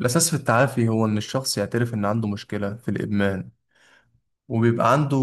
الأساس في التعافي هو إن الشخص يعترف إن عنده مشكلة في الإدمان، وبيبقى عنده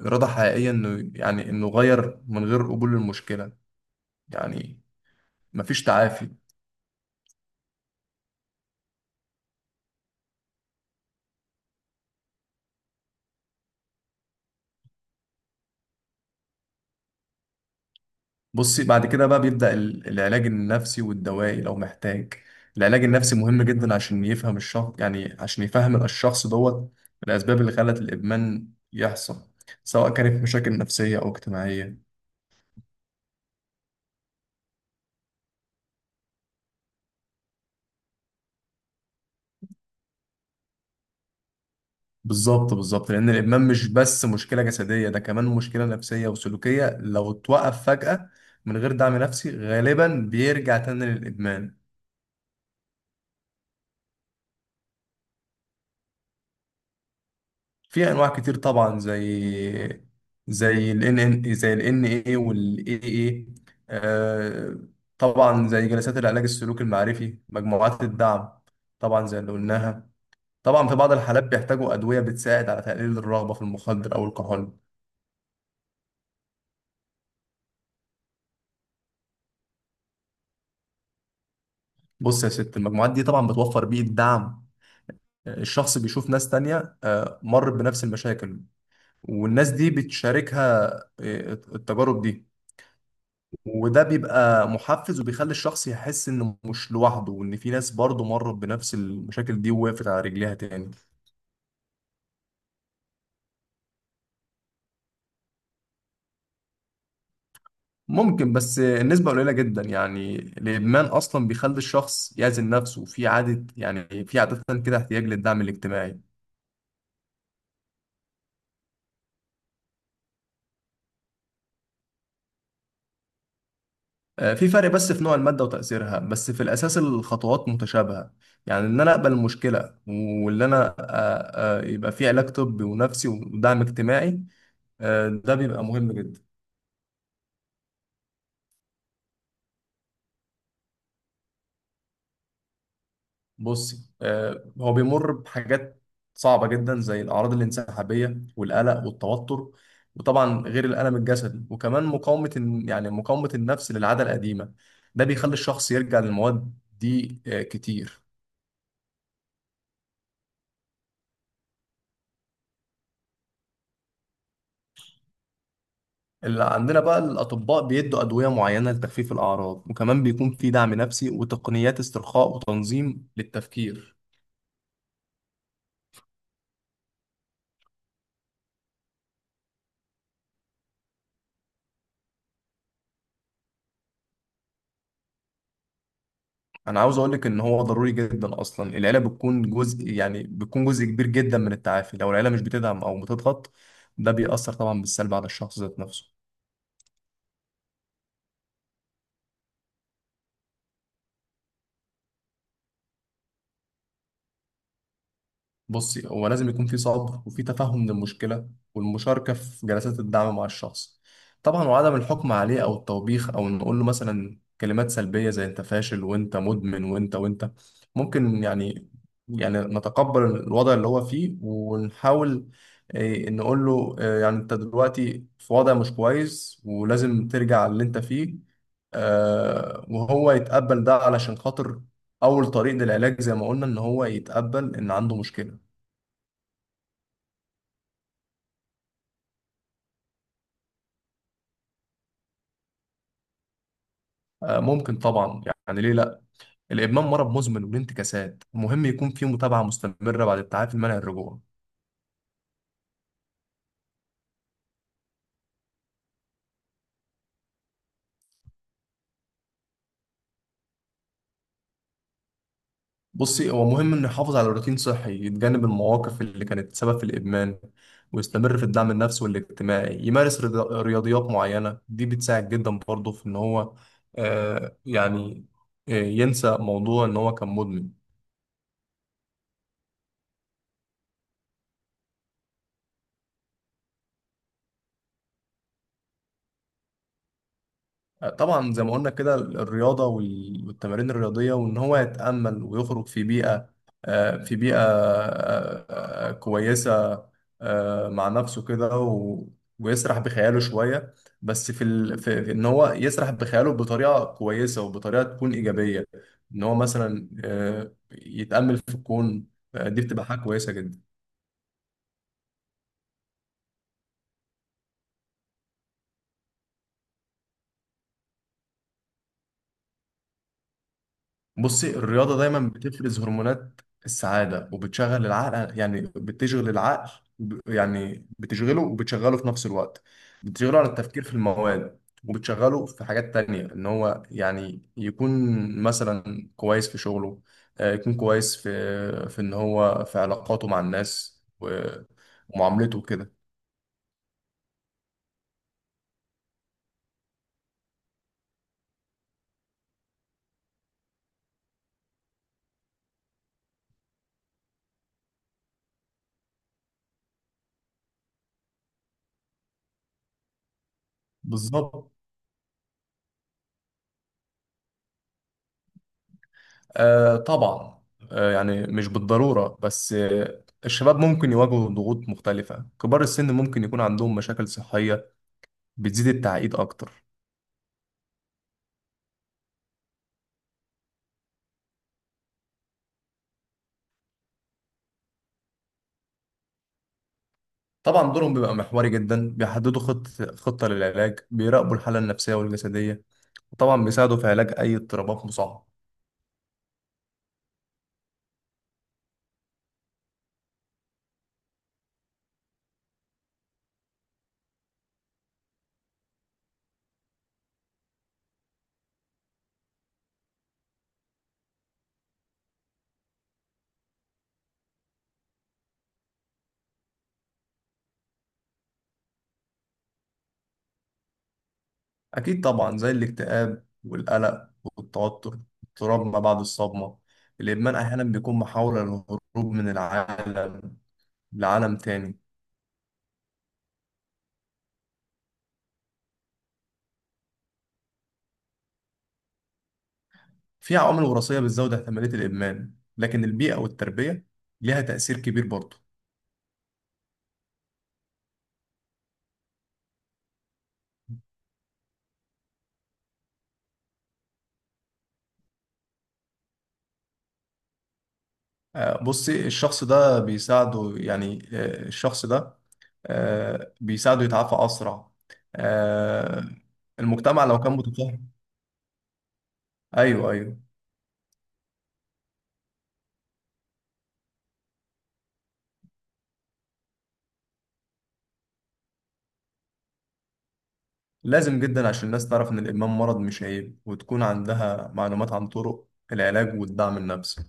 إرادة حقيقية، إنه يعني إنه غير من غير قبول المشكلة، يعني مفيش تعافي. بصي، بعد كده بقى بيبدأ العلاج النفسي والدوائي لو محتاج. العلاج النفسي مهم جدا عشان يفهم الشخص، يعني عشان يفهم الشخص دوت الأسباب اللي خلت الإدمان يحصل، سواء كانت مشاكل نفسية أو اجتماعية. بالظبط بالظبط، لان الادمان مش بس مشكله جسديه، ده كمان مشكله نفسيه وسلوكيه. لو اتوقف فجاه من غير دعم نفسي، غالبا بيرجع تاني للادمان. في انواع كتير طبعا، زي ال ان اي وال اي اي، طبعا زي جلسات العلاج السلوكي المعرفي، مجموعات الدعم، طبعا زي اللي قلناها. طبعا في بعض الحالات بيحتاجوا ادويه بتساعد على تقليل الرغبه في المخدر او الكحول. بص يا ست، المجموعات دي طبعا بتوفر بيئه دعم، الشخص بيشوف ناس تانية مرت بنفس المشاكل، والناس دي بتشاركها التجارب دي، وده بيبقى محفز وبيخلي الشخص يحس انه مش لوحده، وان في ناس برضه مرت بنفس المشاكل دي ووقفت على رجليها تاني. ممكن، بس النسبة قليلة جدا، يعني الإدمان أصلا بيخلي الشخص يعزل نفسه، في عادة، يعني في عادة كده احتياج للدعم الاجتماعي. في فرق، بس في نوع المادة وتأثيرها، بس في الأساس الخطوات متشابهة. يعني إن أنا أقبل المشكلة، واللي أنا يبقى في علاج طبي ونفسي ودعم اجتماعي، ده بيبقى مهم جدا. بصي، هو بيمر بحاجات صعبة جدا، زي الأعراض الانسحابية والقلق والتوتر، وطبعا غير الألم الجسدي، وكمان مقاومة مقاومة النفس للعادة القديمة، ده بيخلي الشخص يرجع للمواد دي كتير. اللي عندنا بقى، الأطباء بيدوا أدوية معينة لتخفيف الأعراض، وكمان بيكون في دعم نفسي وتقنيات استرخاء وتنظيم للتفكير. أنا عاوز أقولك إن هو ضروري جدا، أصلا العيلة بتكون جزء، يعني بتكون جزء كبير جدا من التعافي، لو العيلة مش بتدعم أو بتضغط، ده بيأثر طبعا بالسلب على الشخص ذات نفسه. بصي، هو لازم يكون في صبر، وفي تفهم للمشكلة، والمشاركة في جلسات الدعم مع الشخص، طبعا، وعدم الحكم عليه أو التوبيخ، أو نقول له مثلا كلمات سلبية زي أنت فاشل وأنت مدمن وأنت وأنت. ممكن، يعني نتقبل الوضع اللي هو فيه ونحاول، نقول له، يعني أنت دلوقتي في وضع مش كويس، ولازم ترجع اللي أنت فيه، وهو يتقبل ده علشان خاطر أول طريق للعلاج، زي ما قلنا، إن هو يتقبل إن عنده مشكلة. ممكن طبعا، يعني ليه لا؟ الادمان مرض مزمن وليه انتكاسات، ومهم يكون فيه متابعه مستمره بعد التعافي المنع الرجوع. بصي، هو مهم انه يحافظ على روتين صحي، يتجنب المواقف اللي كانت سبب في الادمان، ويستمر في الدعم النفسي والاجتماعي، يمارس رياضيات معينه، دي بتساعد جدا برضه في ان هو يعني ينسى موضوع ان هو كان مدمن. طبعا زي ما قلنا كده، الرياضة والتمارين الرياضية، وإن هو يتأمل ويخرج في بيئة، في بيئة كويسة، مع نفسه كده ويسرح بخياله شوية. بس في, ال... في في إن هو يسرح بخياله بطريقة كويسة وبطريقة تكون إيجابية، إن هو مثلا يتأمل في الكون، دي بتبقى حاجة كويسة جدا. بصي، الرياضة دايما بتفرز هرمونات السعادة وبتشغل العقل، يعني بتشغل العقل، يعني بتشغله، وبتشغله في نفس الوقت، بتشغله على التفكير في المواد، وبتشغله في حاجات تانية، إن هو يعني يكون مثلا كويس في شغله، يكون كويس في إن هو في علاقاته مع الناس ومعاملته كده. بالظبط. طبعا، يعني مش بالضرورة، بس الشباب ممكن يواجهوا ضغوط مختلفة، كبار السن ممكن يكون عندهم مشاكل صحية بتزيد التعقيد أكتر. طبعا دورهم بيبقى محوري جدا، بيحددوا خطة للعلاج، بيراقبوا الحالة النفسية والجسدية، وطبعا بيساعدوا في علاج أي اضطرابات مصاحبة. أكيد طبعا، زي الاكتئاب والقلق والتوتر، اضطراب ما بعد الصدمة. الإدمان أحيانا بيكون محاولة للهروب من العالم لعالم تاني. في عوامل وراثية بتزود احتمالية الإدمان، لكن البيئة والتربية ليها تأثير كبير برضه. بصي، الشخص ده بيساعده، يعني الشخص ده بيساعده يتعافى أسرع. آه، المجتمع لو كان متفاهم. أيوه أيوه. لازم جدا عشان الناس تعرف إن الإدمان مرض مش عيب، وتكون عندها معلومات عن طرق العلاج والدعم النفسي.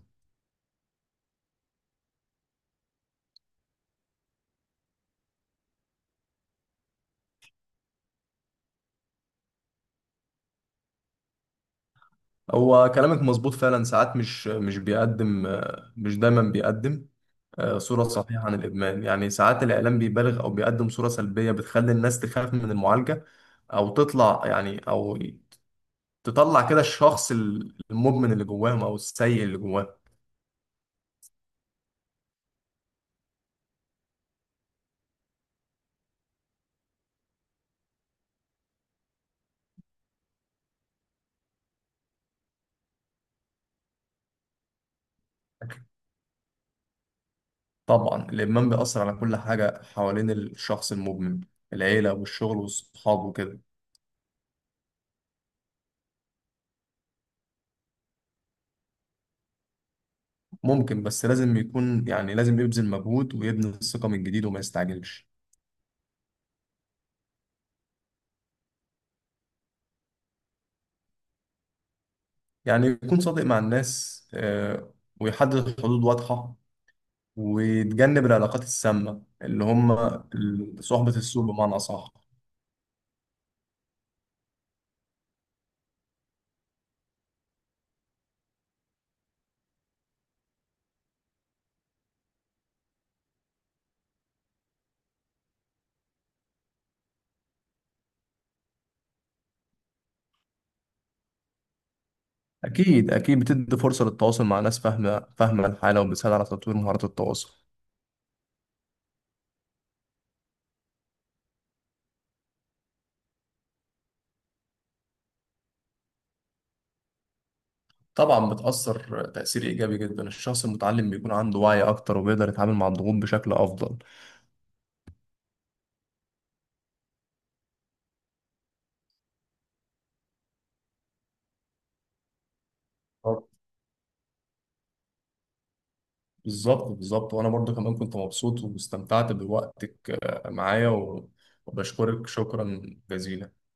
هو كلامك مظبوط، فعلا ساعات مش بيقدم، مش دايما بيقدم صورة صحيحة عن الإدمان. يعني ساعات الإعلام بيبالغ أو بيقدم صورة سلبية بتخلي الناس تخاف من المعالجة، أو تطلع، يعني أو تطلع كده الشخص المدمن اللي جواهم أو السيء اللي جواهم. طبعا الإدمان بيأثر على كل حاجة حوالين الشخص المدمن، العيلة والشغل والصحاب وكده. ممكن، بس لازم يكون، يعني لازم يبذل مجهود ويبني الثقة من جديد وما يستعجلش. يعني يكون صادق مع الناس، ويحدد حدود واضحة، وتجنب العلاقات السامة، اللي هم صحبة السوء بمعنى أصح. أكيد أكيد، بتدي فرصة للتواصل مع ناس فاهمة فاهمة الحالة، وبتساعد على تطوير مهارات التواصل. طبعا بتأثر تأثير إيجابي جدا، الشخص المتعلم بيكون عنده وعي أكتر وبيقدر يتعامل مع الضغوط بشكل أفضل. طب، بالظبط بالظبط، وأنا برضو كمان كنت مبسوط، واستمتعت بوقتك معايا وبشكرك شكرا جزيلا.